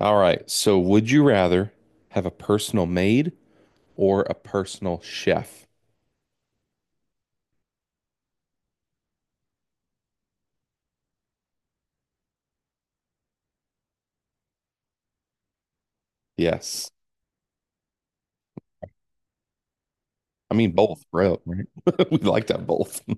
All right. So, would you rather have a personal maid or a personal chef? Yes. I mean, both, bro, right? We like that both.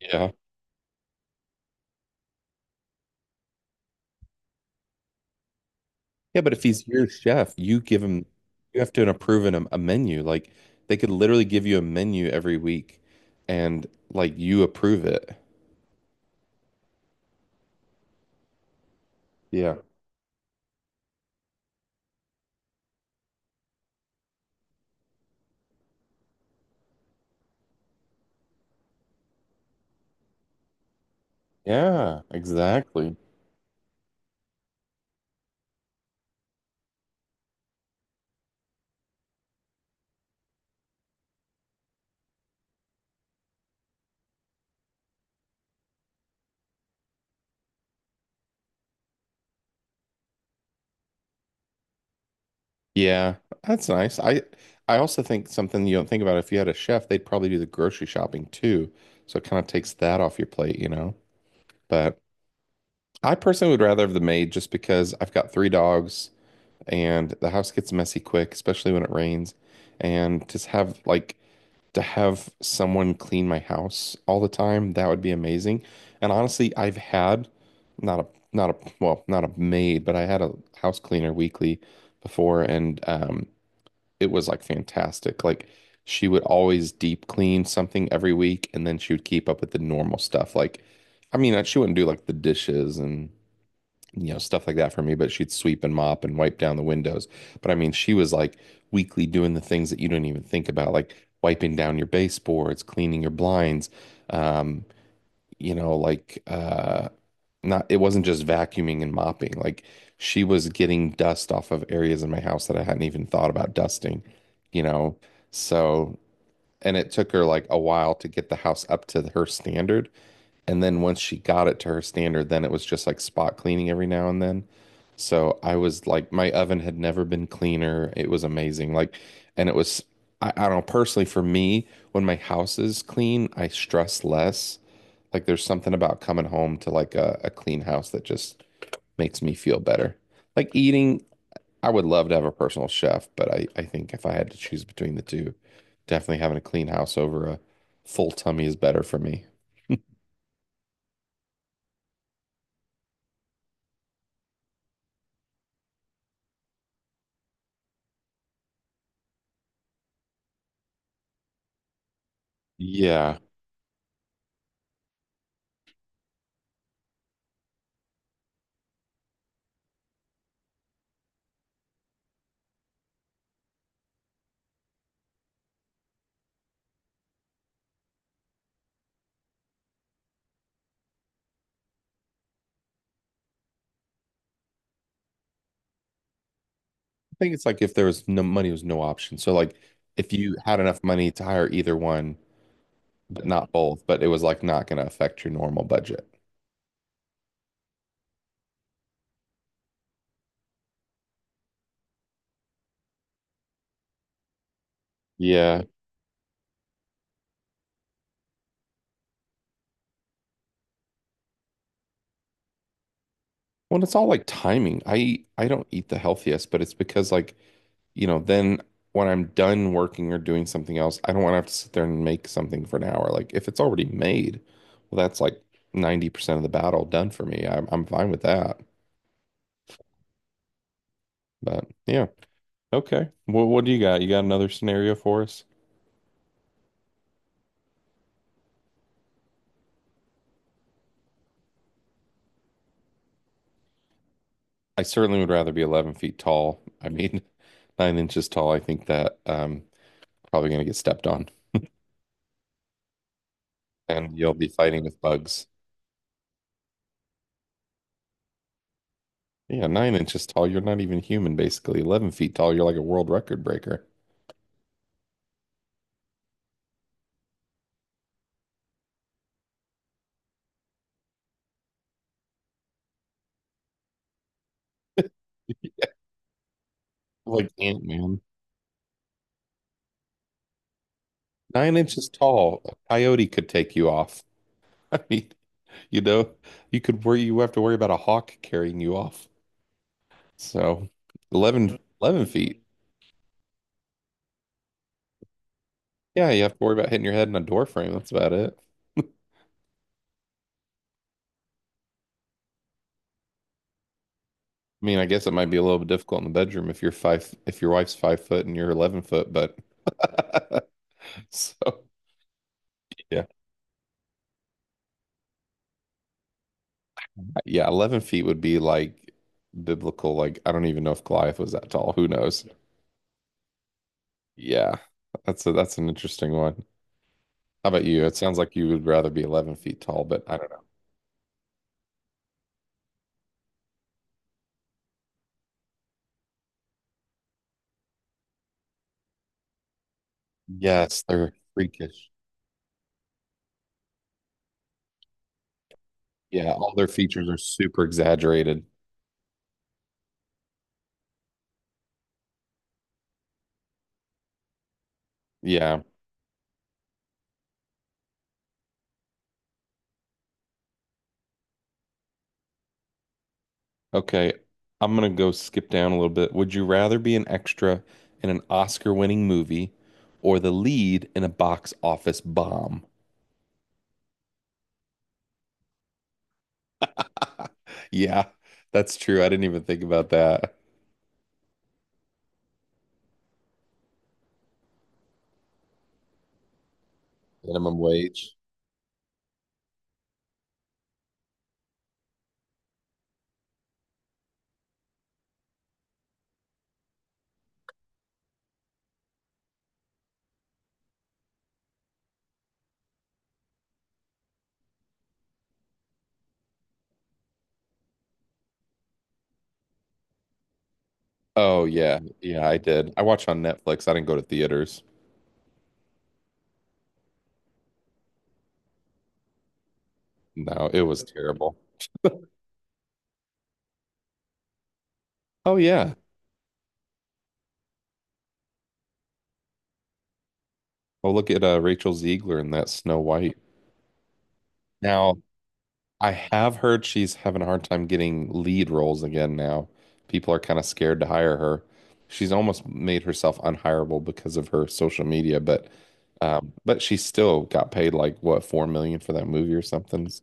Yeah. Yeah, but if he's your chef, you give him, you have to approve him a menu. Like, they could literally give you a menu every week and, like, you approve it. Yeah. Yeah, exactly. Yeah, that's nice. I also think something you don't think about if you had a chef, they'd probably do the grocery shopping too. So it kind of takes that off your plate, you know? But I personally would rather have the maid just because I've got three dogs and the house gets messy quick, especially when it rains. And just have like to have someone clean my house all the time, that would be amazing. And honestly, I've had not a not a well, not a maid, but I had a house cleaner weekly before and it was like fantastic. Like she would always deep clean something every week and then she would keep up with the normal stuff like I mean, she wouldn't do like the dishes and stuff like that for me, but she'd sweep and mop and wipe down the windows. But I mean, she was like weekly doing the things that you don't even think about, like wiping down your baseboards, cleaning your blinds, um, you know, like uh not it wasn't just vacuuming and mopping. Like she was getting dust off of areas in my house that I hadn't even thought about dusting, you know. So and it took her like a while to get the house up to her standard. And then once she got it to her standard, then it was just like spot cleaning every now and then. So I was like, my oven had never been cleaner. It was amazing. Like, and it was, I don't know, personally for me, when my house is clean, I stress less. Like, there's something about coming home to like a clean house that just makes me feel better. Like eating I would love to have a personal chef, but I think if I had to choose between the two, definitely having a clean house over a full tummy is better for me. Yeah. I think it's like if there was no money, was no option. So like if you had enough money to hire either one, but not both, but it was like not going to affect your normal budget. Yeah. Well, it's all like timing. I don't eat the healthiest, but it's because like then when I'm done working or doing something else, I don't want to have to sit there and make something for an hour. Like if it's already made, well, that's like 90% of the battle done for me. I'm fine with that. But yeah, okay. Well, what do you got? You got another scenario for us? I certainly would rather be 11 feet tall. I mean, 9 inches tall. I think that probably gonna get stepped on, and you'll be fighting with bugs. Yeah, 9 inches tall. You're not even human, basically. 11 feet tall. You're like a world record breaker, like Ant-Man. 9 inches tall, a coyote could take you off. I mean, you know, you have to worry about a hawk carrying you off. So 11, 11 feet. Yeah, you have to worry about hitting your head in a door frame. That's about it. I mean, I guess it might be a little bit difficult in the bedroom if your wife's 5 foot and you're 11 foot, but so yeah, yeah, 11 feet would be like biblical. Like, I don't even know if Goliath was that tall. Who knows? Yeah, that's an interesting one. How about you? It sounds like you would rather be 11 feet tall, but I don't know. Yes, they're freakish. Yeah, all their features are super exaggerated. Yeah. Okay. I'm gonna go skip down a little bit. Would you rather be an extra in an Oscar-winning movie or the lead in a box office bomb? Yeah, that's true. I didn't even think about that. Minimum wage. Oh yeah. Yeah, I did. I watched on Netflix. I didn't go to theaters. No, it was terrible. Oh yeah. Oh, look at Rachel Ziegler in that Snow White. Now, I have heard she's having a hard time getting lead roles again now. People are kind of scared to hire her. She's almost made herself unhireable because of her social media, but she still got paid like what, 4 million for that movie or something. So,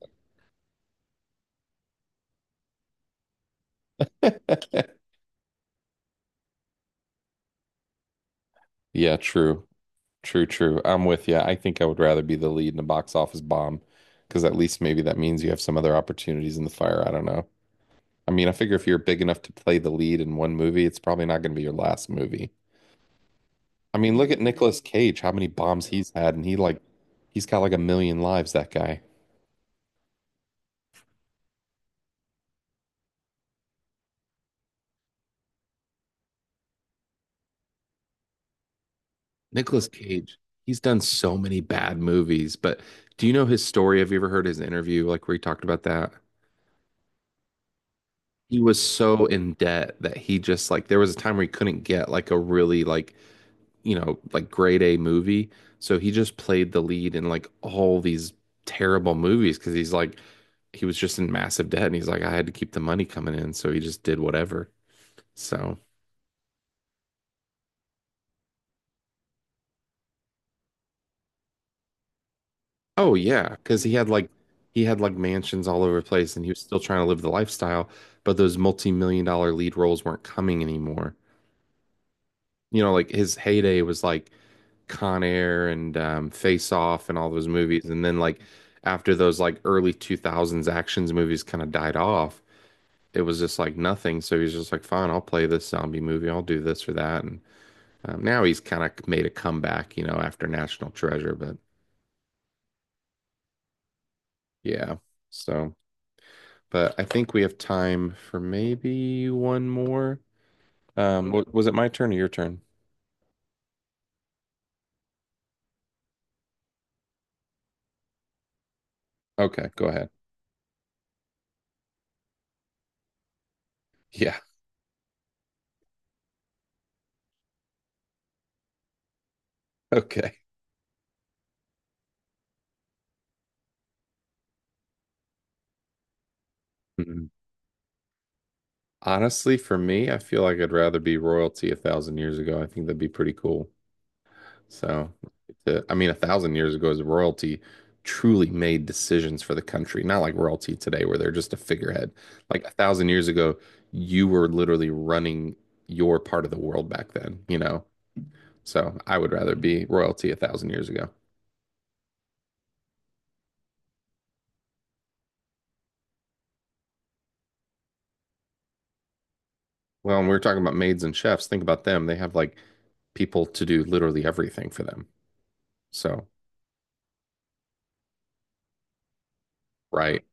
yeah, true, true, true. I'm with you. I think I would rather be the lead in a box office bomb because at least maybe that means you have some other opportunities in the fire. I don't know. I mean, I figure if you're big enough to play the lead in one movie, it's probably not going to be your last movie. I mean, look at Nicolas Cage, how many bombs he's had, and he's got like a million lives, that guy. Nicolas Cage, he's done so many bad movies, but do you know his story? Have you ever heard his interview, like where he talked about that? He was so in debt that he just like there was a time where he couldn't get like a really like like grade A movie. So he just played the lead in like all these terrible movies because he's like, he was just in massive debt and he's like, I had to keep the money coming in. So he just did whatever. So, oh yeah, because he had like mansions all over the place and he was still trying to live the lifestyle, but those multi-million dollar lead roles weren't coming anymore. You know, like his heyday was like Con Air and Face Off and all those movies. And then like after those like early 2000s actions movies kind of died off, it was just like nothing. So he's just like, fine, I'll play this zombie movie. I'll do this or that. And now he's kind of made a comeback, after National Treasure. But yeah, so, but I think we have time for maybe one more. Was it my turn or your turn? Okay, go ahead. Yeah, okay. Mhm. Honestly, for me, I feel like I'd rather be royalty 1,000 years ago. I think that'd be pretty cool. So, I mean, 1,000 years ago is royalty truly made decisions for the country, not like royalty today where they're just a figurehead. Like 1,000 years ago, you were literally running your part of the world back then, you know? So I would rather be royalty a thousand years ago. Well, and we were talking about maids and chefs. Think about them. They have like people to do literally everything for them. So, right.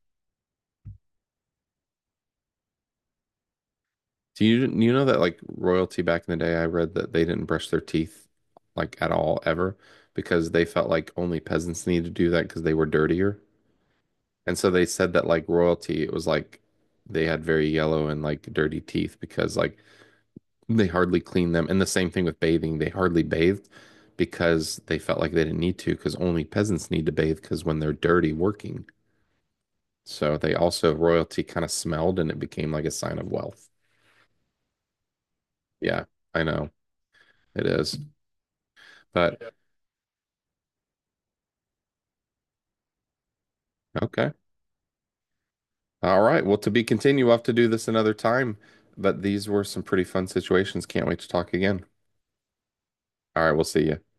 Do you know that like royalty back in the day, I read that they didn't brush their teeth like at all ever because they felt like only peasants needed to do that because they were dirtier. And so they said that like royalty, it was like they had very yellow and like dirty teeth because like they hardly cleaned them. And the same thing with bathing, they hardly bathed because they felt like they didn't need to because only peasants need to bathe because when they're dirty working. So they also royalty kind of smelled and it became like a sign of wealth. Yeah, I know it is. But okay. All right. Well, to be continued, we'll have to do this another time. But these were some pretty fun situations. Can't wait to talk again. All right. We'll see you.